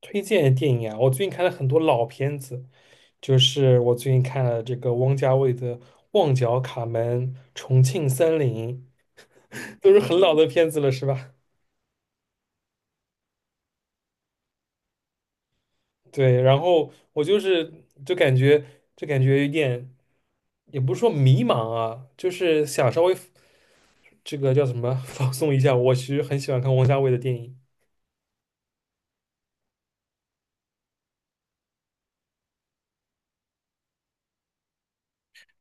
推荐的电影啊，我最近看了很多老片子，就是我最近看了这个王家卫的《旺角卡门》《重庆森林》，都是很老的片子了，是吧？对，然后我就感觉就感觉有点，也不是说迷茫啊，就是想稍微这个叫什么 放松一下。我其实很喜欢看王家卫的电影。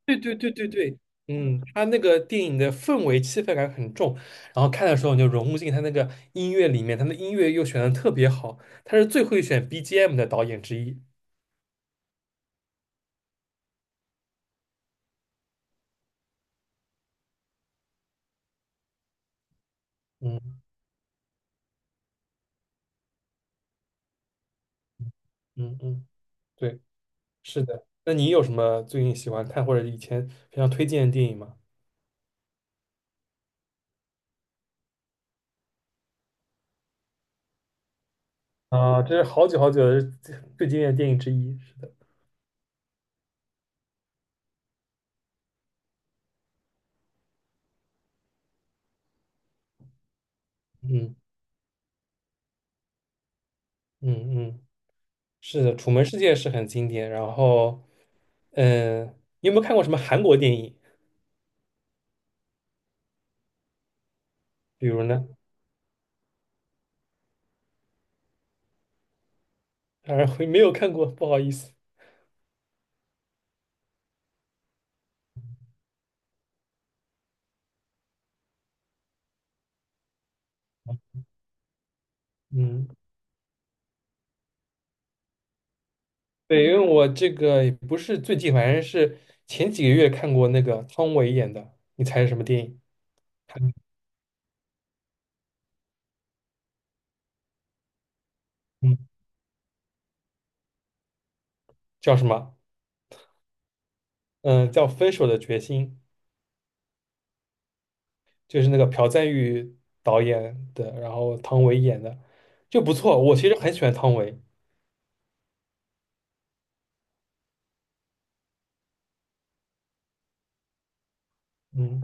对对对对对，嗯，他那个电影的氛围气氛感很重，然后看的时候你就融入进他那个音乐里面，他的音乐又选的特别好，他是最会选 BGM 的导演之一。嗯嗯嗯，对，是的。那你有什么最近喜欢看或者以前非常推荐的电影吗？啊，这是好久好久的最最经典的电影之一。是的，嗯嗯嗯，是的，《楚门世界》是很经典。然后，嗯，你有没有看过什么韩国电影？比如呢？啊，没有看过，不好意思。嗯，对，因为我这个也不是最近，反正是前几个月看过那个汤唯演的，你猜是什么电影？嗯，叫什么？嗯，叫《分手的决心》，就是那个朴赞郁导演的，然后汤唯演的，就不错。我其实很喜欢汤唯，嗯，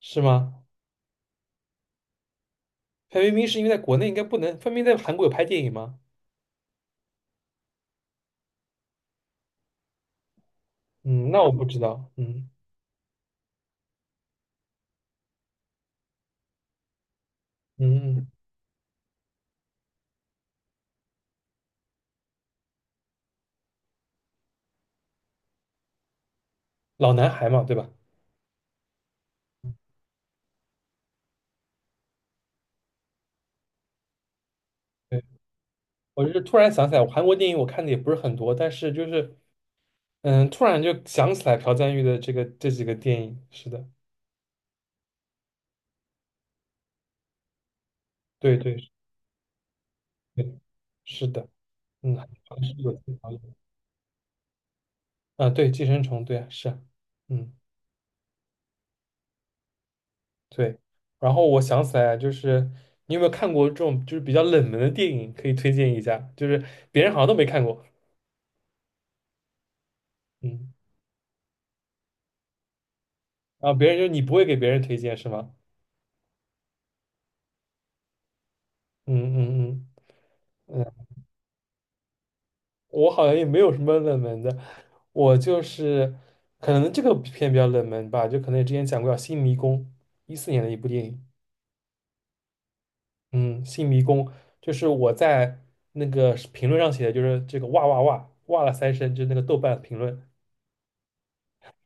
是吗？范冰冰是因为在国内应该不能，范冰冰在韩国有拍电影吗？嗯，那我不知道。嗯嗯，老男孩嘛，对吧？对，我就是突然想起来，我韩国电影我看的也不是很多，但是就是嗯，突然就想起来朴赞郁的这个这几个电影，是的，对对对，是的，嗯，还是有些导演啊，对，《寄生虫》，对啊，是啊，嗯，对，然后我想起来啊，就是你有没有看过这种就是比较冷门的电影，可以推荐一下，就是别人好像都没看过，嗯，然后别人就是你不会给别人推荐是吗？嗯嗯嗯嗯，我好像也没有什么冷门的，我就是可能这个片比较冷门吧，就可能也之前讲过叫《新迷宫》，14年的一部电影。嗯，新迷宫就是我在那个是评论上写的，就是这个哇哇哇哇了三声，就是那个豆瓣评论。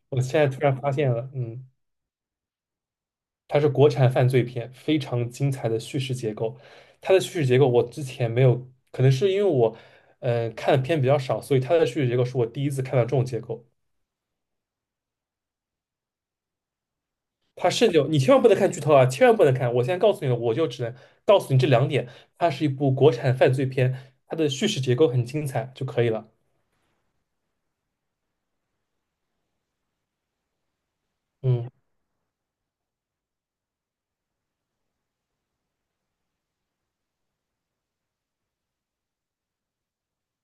我现在突然发现了，嗯，它是国产犯罪片，非常精彩的叙事结构。它的叙事结构我之前没有，可能是因为我，看的片比较少，所以它的叙事结构是我第一次看到这种结构。它甚至有你千万不能看剧透啊，千万不能看！我现在告诉你了，我就只能告诉你这两点。它是一部国产犯罪片，它的叙事结构很精彩就可以了。嗯。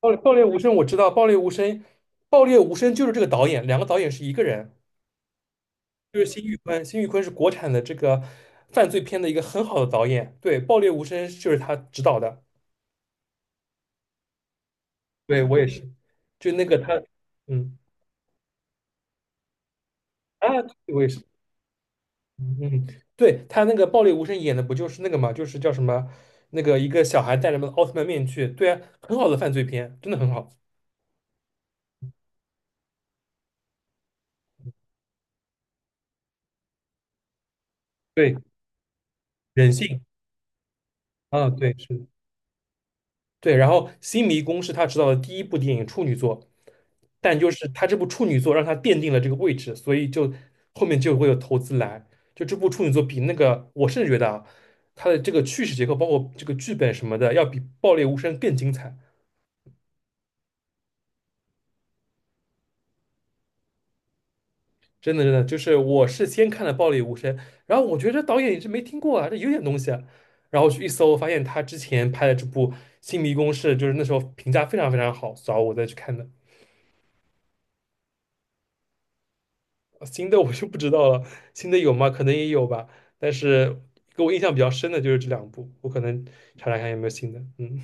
爆裂无声我知道，爆裂无声，爆裂无声就是这个导演，两个导演是一个人，就是辛玉坤，辛玉坤是国产的这个犯罪片的一个很好的导演，对，爆裂无声就是他执导的，对我也是，就那个他，嗯啊，我也是，嗯，嗯对他那个爆裂无声演的不就是那个嘛，就是叫什么那个一个小孩戴着奥特曼面具，对啊，很好的犯罪片，真的很好，对，人性啊，对是的对，然后《新迷宫》是他执导的第一部电影处女作，但就是他这部处女作让他奠定了这个位置，所以就后面就会有投资来。就这部处女作比那个，我甚至觉得啊，他的这个叙事结构，包括这个剧本什么的，要比《爆裂无声》更精彩。真的，真的，就是我是先看了《爆裂无声》，然后我觉得这导演也是没听过啊，这有点东西啊。然后去一搜，发现他之前拍的这部《新迷宫》是就是那时候评价非常非常好，所以我再去看的。新的我就不知道了，新的有吗？可能也有吧，但是给我印象比较深的就是这两部，我可能查查看有没有新的。嗯，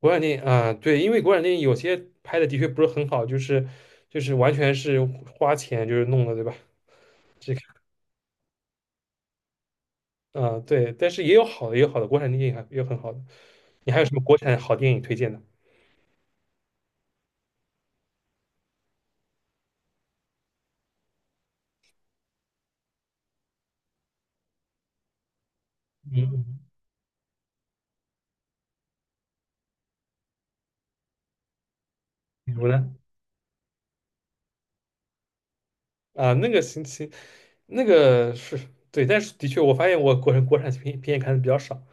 国产电影啊，对，因为国产电影有些拍的的确不是很好，就是完全是花钱就是弄的，对吧？这个啊，对，但是也有好的，也有好的，国产电影还也有很好的。你还有什么国产好电影推荐的？嗯，嗯比如呢？啊，那个星期那个是对，但是的确我发现我国人国产片也看的比较少。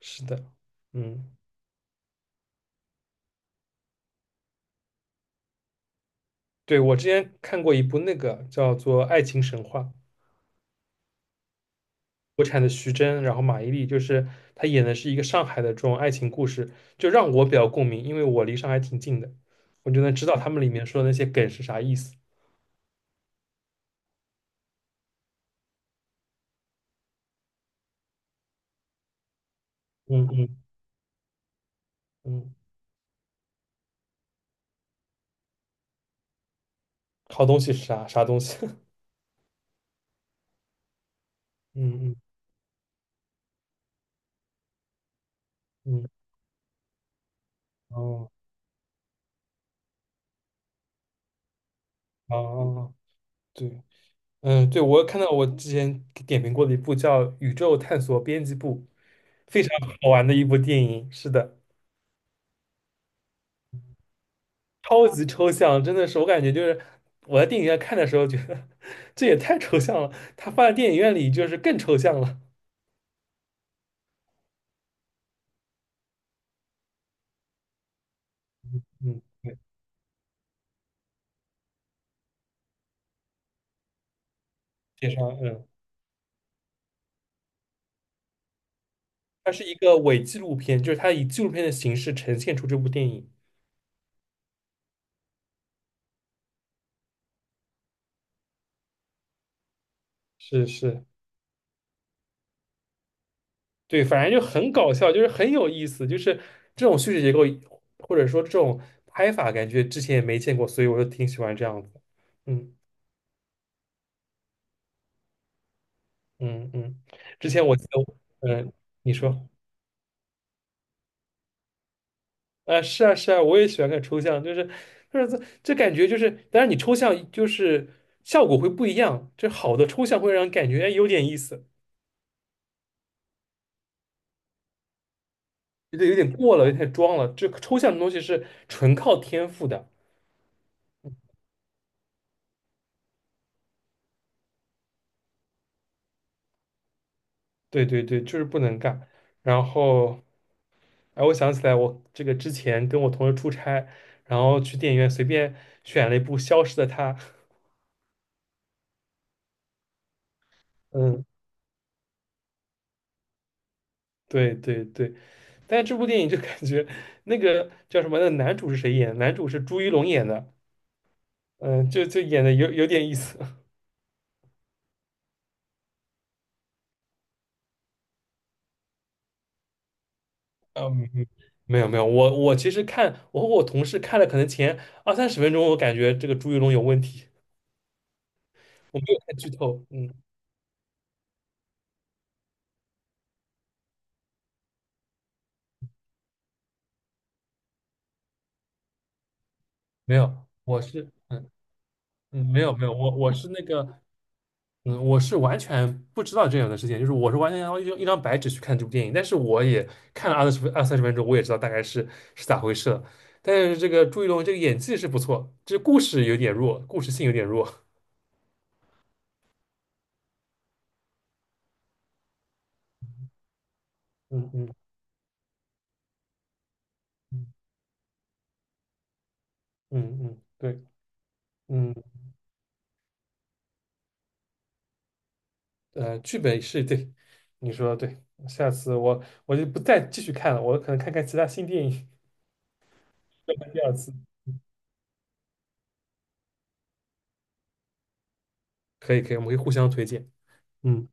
是的，嗯。对，我之前看过一部那个叫做《爱情神话》，国产的徐峥，然后马伊琍，就是她演的是一个上海的这种爱情故事，就让我比较共鸣，因为我离上海挺近的，我就能知道他们里面说的那些梗是啥意思。嗯嗯嗯，好东西是啥啥东西？嗯嗯嗯，哦哦，对，嗯对，我看到我之前给点评过的一部叫《宇宙探索编辑部》，非常好玩的一部电影。是的。超级抽象，真的是我感觉就是我在电影院看的时候觉得 这也太抽象了，它放在电影院里就是更抽象了。嗯，对，介绍，嗯，它是一个伪纪录片，就是它以纪录片的形式呈现出这部电影。是是，对，反正就很搞笑，就是很有意思，就是这种叙事结构或者说这种拍法，感觉之前也没见过，所以我就挺喜欢这样子。嗯嗯嗯，之前我记得，嗯，你说。是啊，是啊，我也喜欢看抽象，就是，就是这感觉就是，当然你抽象就是效果会不一样，这好的抽象会让人感觉哎有点意思，有点有点过了，有点装了。这抽象的东西是纯靠天赋的，对对对，就是不能干。然后，哎，我想起来，我这个之前跟我同事出差，然后去电影院随便选了一部《消失的她》，嗯，对对对，但是这部电影就感觉那个叫什么，那个男主是谁演的男主是朱一龙演的。嗯，就就演的有点意思。嗯，没有没有，我其实看，我和我同事看了，可能前二三十分钟，我感觉这个朱一龙有问题，我没有看剧透。嗯，没有，我是嗯嗯没有没有，我是那个嗯，我是完全不知道这样的事情，就是我是完全要用一张白纸去看这部电影，但是我也看了二三十分钟，我也知道大概是是咋回事了。但是这个朱一龙这个演技是不错，这故事有点弱，故事性有点弱。嗯嗯嗯嗯嗯，对。嗯。剧本是对，你说的对。下次我就不再继续看了，我可能看看其他新电影，第二次。可以可以，我们可以互相推荐。嗯。